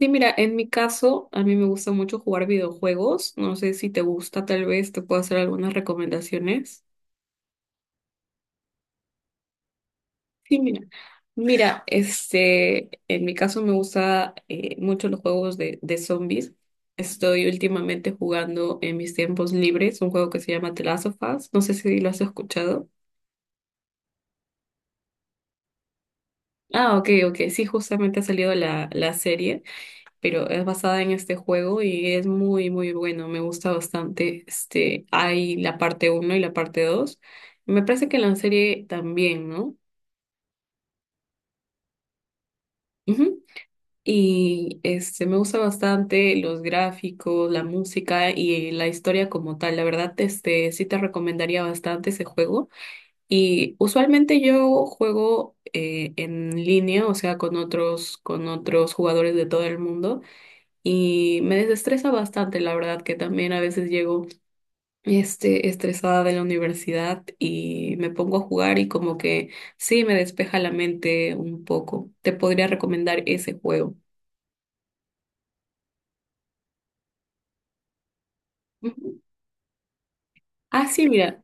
Sí, mira, en mi caso, a mí me gusta mucho jugar videojuegos. No sé si te gusta, tal vez te puedo hacer algunas recomendaciones. Sí, mira. Mira, este, en mi caso me gusta mucho los juegos de zombies. Estoy últimamente jugando en mis tiempos libres un juego que se llama The Last of Us. No sé si lo has escuchado. Ah, ok, ok. Sí, justamente ha salido la serie. Pero es basada en este juego y es muy, muy bueno. Me gusta bastante. Este, hay la parte 1 y la parte 2. Me parece que la serie también, ¿no? Ujú. Y este, me gusta bastante los gráficos, la música y la historia como tal. La verdad, este, sí te recomendaría bastante ese juego. Y usualmente yo juego en línea, o sea, con otros jugadores de todo el mundo. Y me desestresa bastante, la verdad, que también a veces llego este, estresada de la universidad y me pongo a jugar y como que sí me despeja la mente un poco. Te podría recomendar ese juego. Ujú. Ah, sí, mira.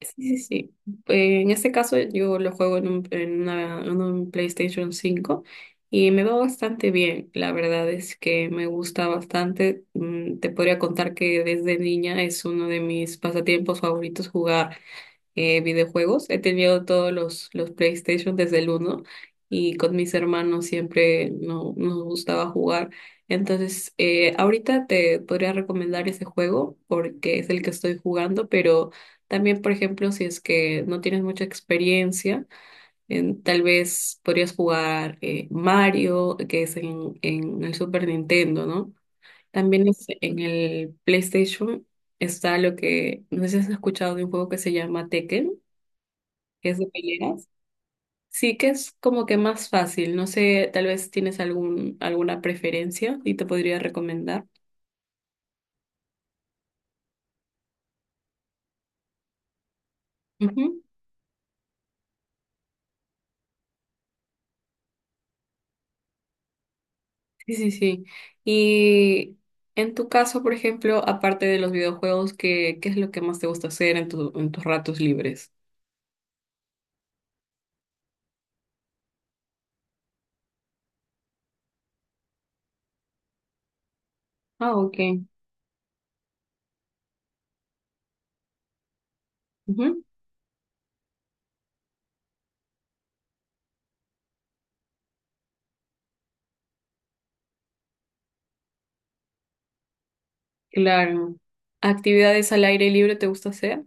Sí, sí, sí. En este caso yo lo juego en un PlayStation 5 y me va bastante bien. La verdad es que me gusta bastante. Mm, te podría contar que desde niña es uno de mis pasatiempos favoritos jugar videojuegos. He tenido todos los PlayStation desde el uno y con mis hermanos siempre no, nos gustaba jugar. Entonces, ahorita te podría recomendar ese juego porque es el que estoy jugando, pero también, por ejemplo, si es que no tienes mucha experiencia, tal vez podrías jugar Mario, que es en el Super Nintendo, ¿no? También es en el PlayStation. Está lo que, no sé si has escuchado de un juego que se llama Tekken, que es de peleas. Sí, que es como que más fácil. No sé, tal vez tienes alguna preferencia y te podría recomendar. Ujú, sí, sí, sí. Y en tu caso, por ejemplo, aparte de los videojuegos, ¿ qué es lo que más te gusta hacer en en tus ratos libres? Ah, ok. Ujú, claro. ¿Actividades al aire libre te gusta hacer?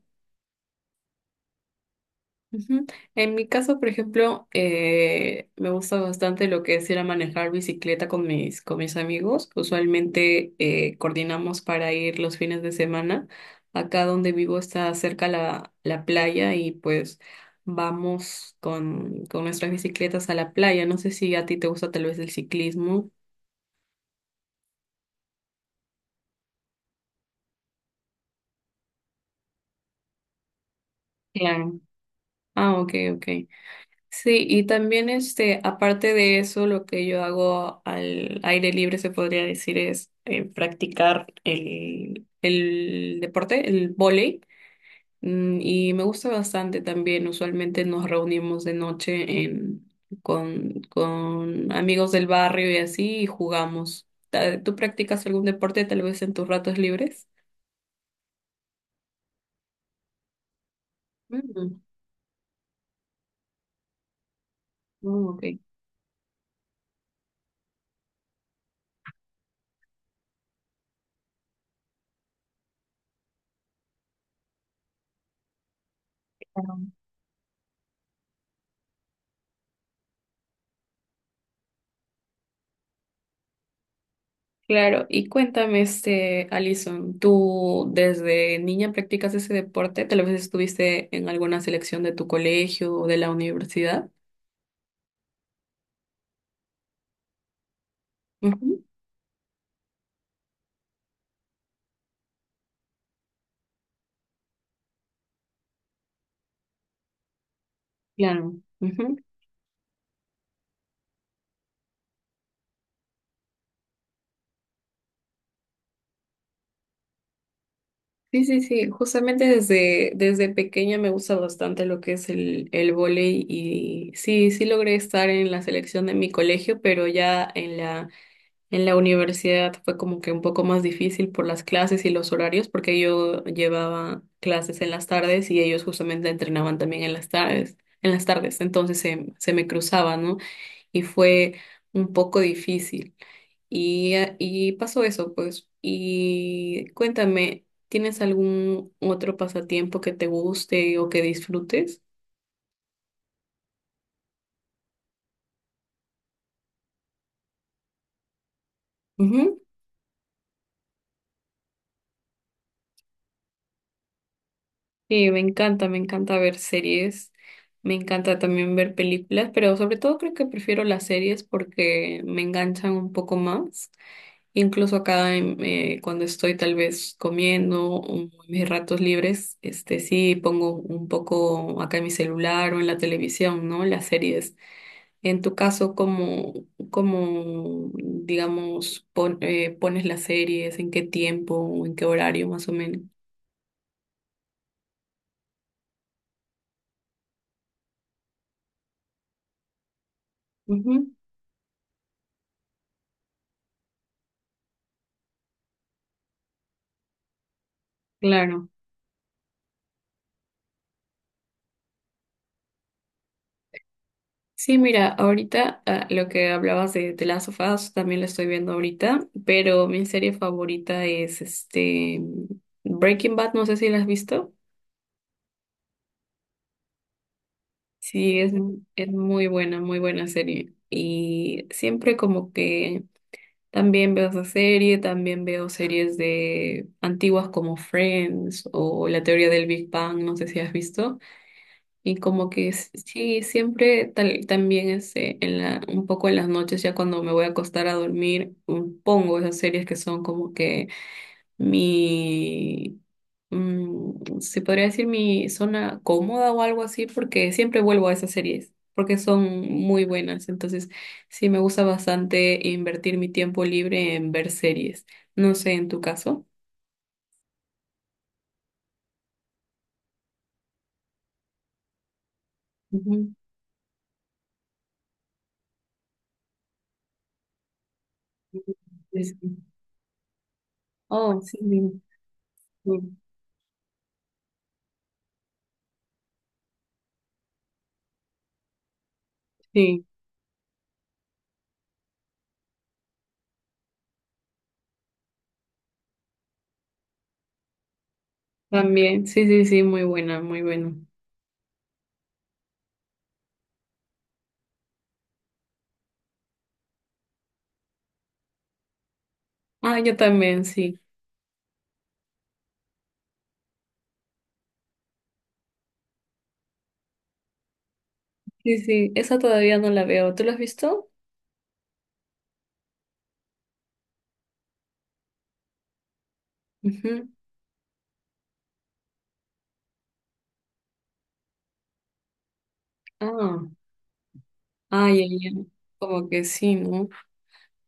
Ujú. En mi caso, por ejemplo, me gusta bastante lo que es ir a manejar bicicleta con con mis amigos. Usualmente coordinamos para ir los fines de semana. Acá donde vivo está cerca la playa y pues vamos con nuestras bicicletas a la playa. No sé si a ti te gusta tal vez el ciclismo. Claro. Ah, ok, ok. Sí, y también este, aparte de eso, lo que yo hago al aire libre se podría decir es practicar el deporte, el vóley. Mm, y me gusta bastante también. Usualmente nos reunimos de noche en, con amigos del barrio y así y jugamos. ¿Tú practicas algún deporte tal vez en tus ratos libres? Mm, mm, ok. Claro, y cuéntame, este, Alison, ¿tú desde niña practicas ese deporte? ¿Tal vez estuviste en alguna selección de tu colegio o de la universidad? Ujú, claro. Ujú. Sí, sí, sí. Justamente desde pequeña me gusta bastante lo que es el vóley y sí, sí logré estar en la selección de mi colegio, pero ya en la. En la universidad fue como que un poco más difícil por las clases y los horarios, porque yo llevaba clases en las tardes y ellos justamente entrenaban también en las tardes, entonces se me cruzaba, ¿no? Y fue un poco difícil. Y pasó eso, pues. Y cuéntame, ¿tienes algún otro pasatiempo que te guste o que disfrutes? Sí, me encanta ver series, me encanta también ver películas, pero sobre todo creo que prefiero las series porque me enganchan un poco más. Incluso acá cuando estoy tal vez comiendo o en mis ratos libres, este sí pongo un poco acá en mi celular o en la televisión, ¿no? Las series. En tu caso, ¿cómo, cómo digamos, pones las series? ¿En qué tiempo? ¿En qué horario más o menos? Ujú, claro. Sí, mira, ahorita ah, lo que hablabas de The Last of Us también lo estoy viendo ahorita, pero mi serie favorita es este Breaking Bad, no sé si la has visto. Sí, es, es muy buena serie. Y siempre como que también veo esa serie, también veo series de antiguas como Friends o La teoría del Big Bang, no sé si has visto. Y como que sí, siempre tal, también este, en la, un poco en las noches, ya cuando me voy a acostar a dormir, pongo esas series que son como que mi, mm, se podría decir mi zona cómoda o algo así, porque siempre vuelvo a esas series, porque son muy buenas. Entonces, sí, me gusta bastante invertir mi tiempo libre en ver series. No sé, en tu caso. Ujú. Sí, sí. Oh, sí, sí. Sí. También, sí, sí, sí, muy buena, muy buena. Ah, yo también, sí. Sí, sí, esa todavía no la veo. ¿Tú la has visto? Ujú. Ah, ay, ay, ay. Como que sí, ¿no?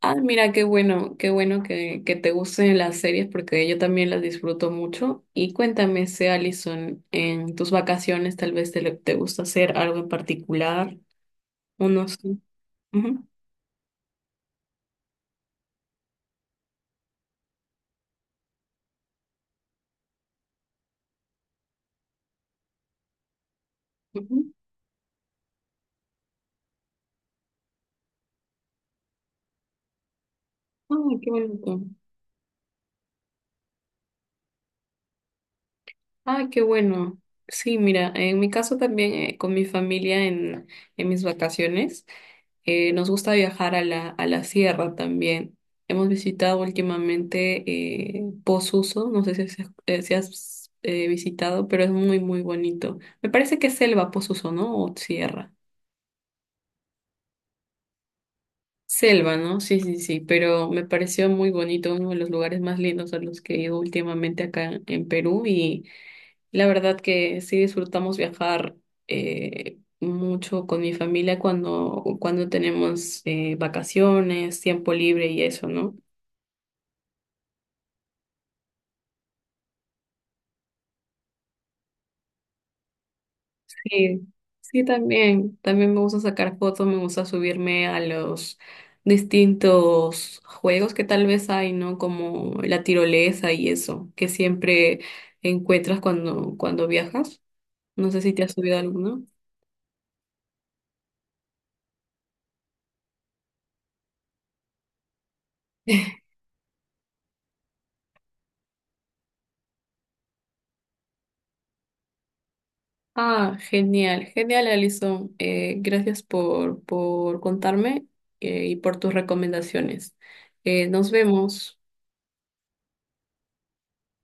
Ah, mira, qué bueno que te gusten las series porque yo también las disfruto mucho. Y cuéntame, si Alison, en tus vacaciones tal vez te gusta hacer algo en particular o no sé. Ujú, ujú. Ay, qué bonito. Ah, qué bueno. Sí, mira, en mi caso también con mi familia en mis vacaciones, nos gusta viajar a a la sierra también. Hemos visitado últimamente Posuso, no sé si, has si has, visitado, pero es muy, muy bonito. Me parece que es selva Posuso, ¿no? O sierra. Selva, ¿no? Sí, sí, sí, pero me pareció muy bonito, uno de los lugares más lindos a los que he ido últimamente acá en Perú. Y la verdad que sí disfrutamos viajar mucho con mi familia cuando, cuando tenemos vacaciones, tiempo libre y eso, ¿no? Sí, sí, también. También me gusta sacar fotos, me gusta subirme a los distintos juegos que tal vez hay, ¿no? Como la tirolesa y eso, que siempre encuentras cuando viajas. No sé si te has subido a alguno. Ah, genial, genial, Alison. Gracias por contarme y por tus recomendaciones. Nos vemos.